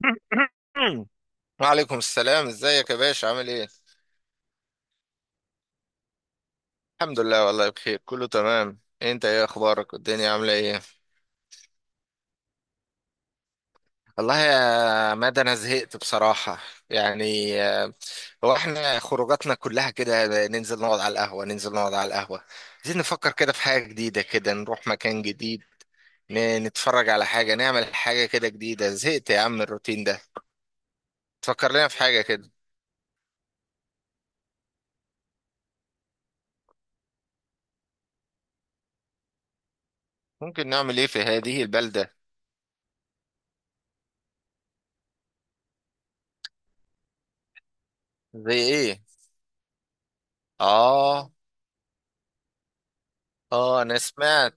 وعليكم السلام، ازيك يا باشا، عامل ايه؟ الحمد لله والله بخير كله تمام. انت ايه اخبارك والدنيا عامله ايه؟ والله يا مادة انا زهقت بصراحه. يعني هو احنا خروجاتنا كلها كده، ننزل نقعد على القهوه، ننزل نقعد على القهوه. عايزين نفكر كده في حاجه جديده، كده نروح مكان جديد. نتفرج على حاجه، نعمل حاجه كده جديده. زهقت يا عم من الروتين ده. تفكر لنا في حاجه كده. ممكن نعمل ايه في هذه البلده؟ زي ايه؟ اه، اه، انا سمعت.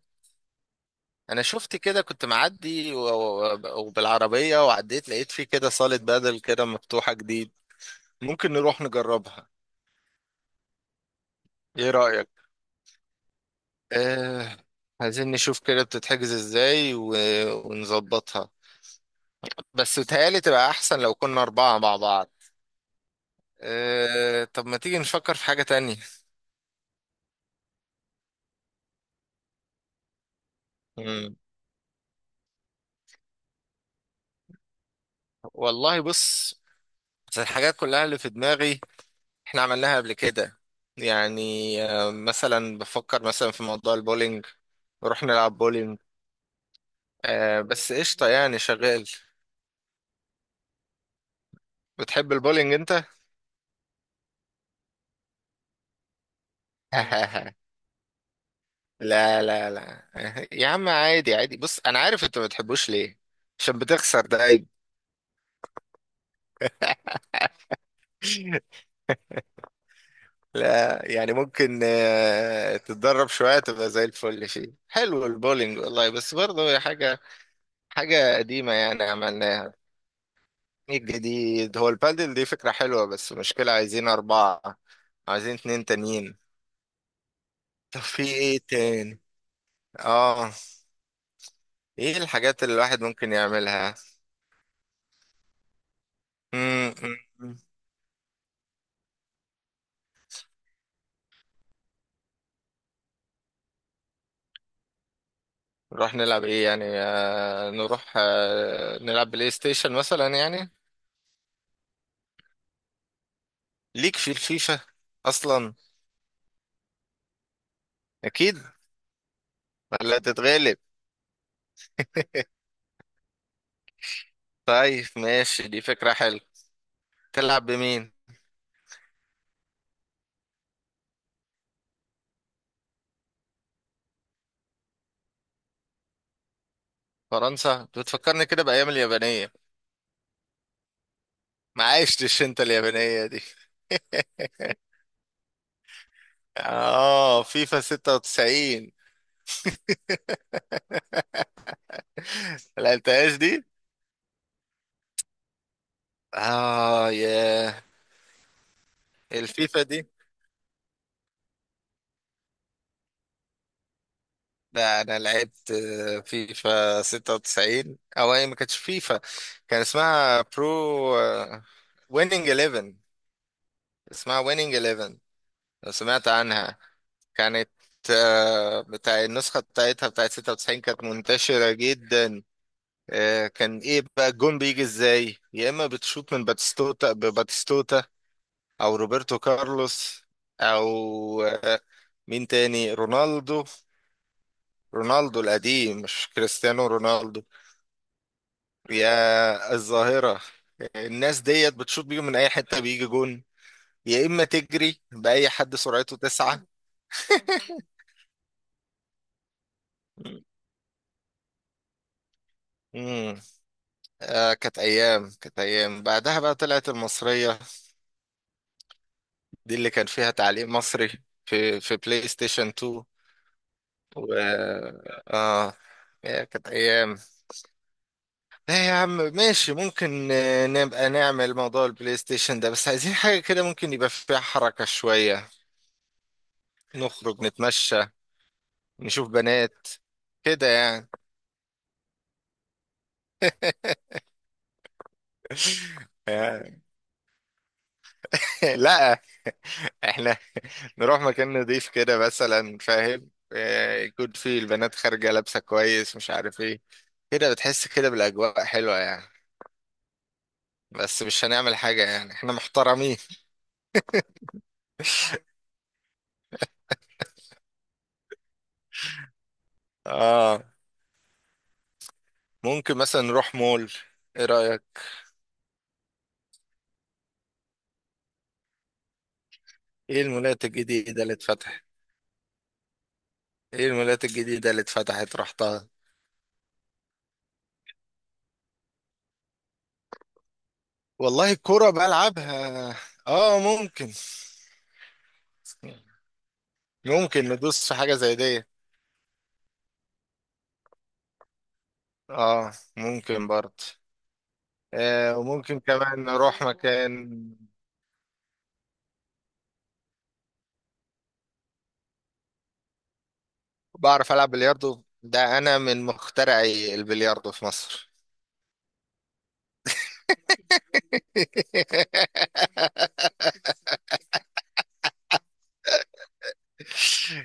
انا شفت كده، كنت معدي و- و- وبالعربية وعديت، لقيت فيه كده صالة بدل كده مفتوحة جديد. ممكن نروح نجربها. ايه رأيك؟ آه. عايزين نشوف كده بتتحجز ازاي ونظبطها. بس بتهيألي تبقى احسن لو كنا اربعة مع بعض. طب ما تيجي نفكر في حاجة تانية. مم. والله بص، بس الحاجات كلها اللي في دماغي احنا عملناها قبل كده. يعني مثلا بفكر مثلا في موضوع البولينج، نروح نلعب بولينج. بس قشطة يعني شغال. بتحب البولينج انت؟ لا، لا، لا. يا عم عادي عادي، بص انا عارف انت ما بتحبوش ليه، عشان بتخسر ده عيب. لا يعني ممكن تتدرب شوية تبقى زي الفل، فيه حلو البولينج والله، بس برضه هي حاجة، حاجة قديمة يعني عملناها. الجديد هو البادل، دي فكرة حلوة بس مشكلة عايزين أربعة، عايزين اتنين تانيين. طب في ايه تاني؟ اه. ايه الحاجات اللي الواحد ممكن يعملها؟ مم، مم، مم. نروح نلعب ايه يعني، نروح نلعب بلاي ستيشن مثلا يعني. ليك في الفيفا اصلا. اكيد. ولا تتغلب؟ طيب ماشي، دي فكرة حلوة. تلعب بمين؟ فرنسا بتفكرني كده بأيام اليابانية. ما عشتش انت اليابانية دي. اه فيفا 96، ما لعبتهاش دي. اه يا. الفيفا دي؟ لا انا لعبت فيفا 96، او هي ما كانتش فيفا، كان اسمها برو، ويننج 11. اسمها ويننج 11، لو سمعت عنها. كانت بتاع النسخة بتاعتها بتاعت 96 كانت منتشرة جدا. كان ايه بقى الجون بيجي ازاي، يا اما بتشوط من باتستوتا بباتستوتا، او روبرتو كارلوس، او آه، مين تاني، رونالدو، رونالدو القديم مش كريستيانو رونالدو. يا الظاهرة، الناس ديت بتشوط بيهم من اي حتة بيجي جون، يا اما تجري باي حد سرعته تسعة. امم كانت ايام، كانت ايام. بعدها بقى طلعت المصرية، دي اللي كان فيها تعليق مصري في بلاي ستيشن 2. و اه يا كانت ايام. لا يا عم ماشي، ممكن نبقى نعمل موضوع البلاي ستيشن ده، بس عايزين حاجة كده ممكن يبقى فيها حركة شوية، نخرج نتمشى، نشوف بنات كده يعني. لا، احنا نروح مكان نضيف كده مثلا، فاهم، يكون فيه البنات خارجة لابسة كويس مش عارف ايه، كده بتحس كده بالأجواء حلوة يعني، بس مش هنعمل حاجة يعني، احنا محترمين. اه. ممكن مثلا نروح مول. ايه رأيك؟ ايه المولات الجديدة اللي اتفتحت ايه المولات الجديدة اللي اتفتحت رحتها؟ والله الكرة بلعبها. اه ممكن ندوس في حاجة زي دي. اه ممكن برضه. آه وممكن كمان نروح مكان. بعرف ألعب بلياردو، ده أنا من مخترعي البلياردو في مصر.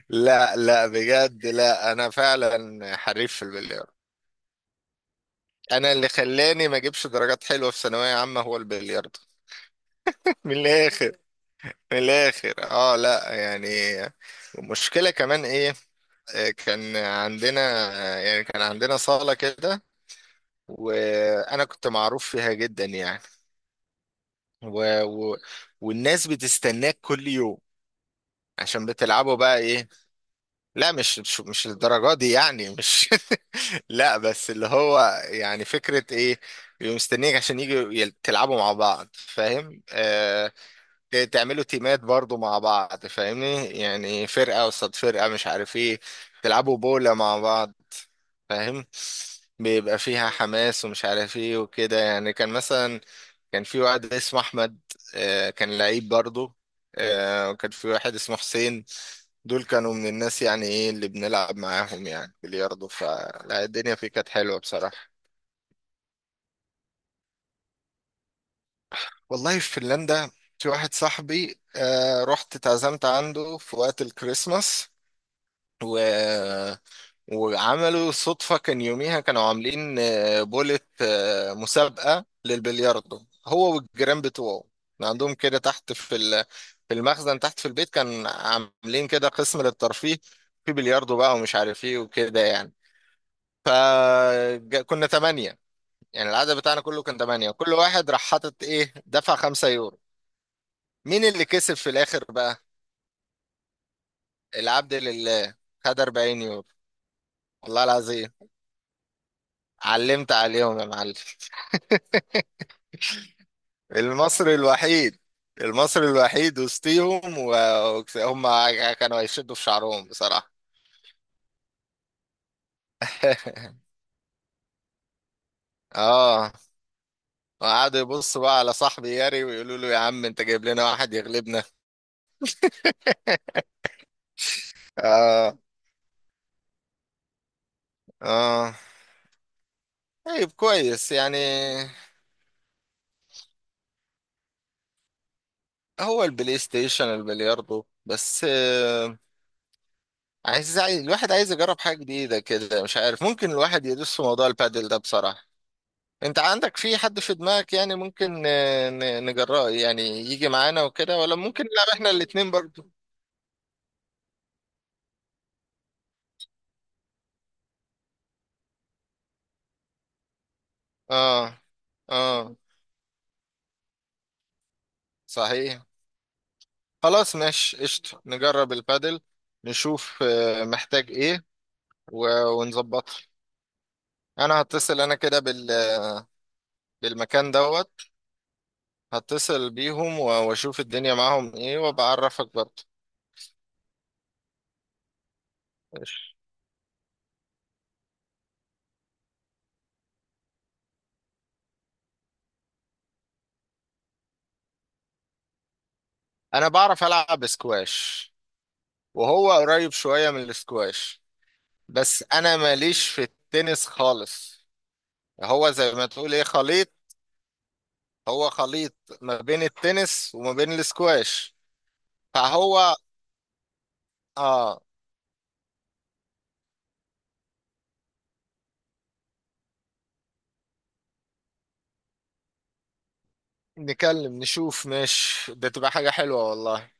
لا، لا، بجد لا، أنا فعلا حريف في البلياردو. أنا اللي خلاني ما أجيبش درجات حلوة في ثانوية عامة هو البلياردو. من الآخر. في الاخر لا يعني، المشكله كمان ايه، كان عندنا يعني، كان عندنا صاله كده، وانا كنت معروف فيها جدا يعني. و... و... والناس بتستناك كل يوم. عشان بتلعبوا بقى ايه؟ لا مش الدرجه دي يعني، مش... لا بس اللي هو يعني فكره ايه، بيبقوا مستنيك عشان يجوا تلعبوا مع بعض، فاهم آه. تعملوا تيمات برضو مع بعض، فاهمني، يعني فرقة قصاد فرقة مش عارف ايه، تلعبوا بولا مع بعض، فاهم. بيبقى فيها حماس ومش عارف ايه وكده يعني. كان مثلا كان في واحد اسمه احمد، كان لعيب برضو، وكان في واحد اسمه حسين. دول كانوا من الناس يعني ايه اللي بنلعب معاهم يعني بلياردو، فلا الدنيا فيه كانت حلوة بصراحة. والله في فنلندا، في واحد صاحبي رحت اتعزمت عنده في وقت الكريسماس، و... وعملوا صدفة. كان يوميها كانوا عاملين بولة مسابقة للبلياردو، هو والجيران بتوعه. كان عندهم كده تحت في في المخزن تحت في البيت، كان عاملين كده قسم للترفيه، في بلياردو بقى ومش عارف ايه وكده يعني. فكنا تمانية، يعني العدد بتاعنا كله كان تمانية، وكل واحد راح حاطط ايه دفع 5 يورو. مين اللي كسب في الآخر بقى؟ العبد لله. خد 40 يورو. والله العظيم علمت عليهم يا معلم. المصري الوحيد، المصري الوحيد وسطيهم، وهم كانوا هيشدوا في شعرهم بصراحة. اه. وقعدوا يبصوا بقى على صاحبي ياري، ويقولوا له يا عم انت جايب لنا واحد يغلبنا. اه. اه طيب كويس يعني. هو البلاي ستيشن البلياردو بس. عايز الواحد عايز يجرب حاجة جديدة كده مش عارف. ممكن الواحد يدوس في موضوع البادل ده بصراحة. انت عندك في حد في دماغك يعني ممكن نجراه يعني يجي معانا وكده، ولا ممكن نلعب احنا الاتنين برضو؟ اه. اه. صحيح. خلاص ماشي قشطة، نجرب البادل. نشوف محتاج ايه ونظبطها. انا هتصل انا كده بالمكان دوت. هتصل بيهم واشوف الدنيا معاهم ايه، وبعرفك برضو. ماشي. انا بعرف العب سكواش، وهو قريب شوية من السكواش، بس انا ماليش في التنس خالص. هو زي ما تقول ايه خليط. هو خليط ما بين التنس وما بين الاسكواش. فهو اه نكلم نشوف، مش ده تبقى حاجة حلوة والله؟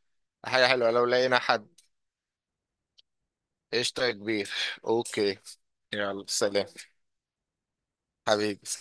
حاجة حلوة لو لقينا حد. قشطة يا كبير. اوكي. يلا سلام حبيبي.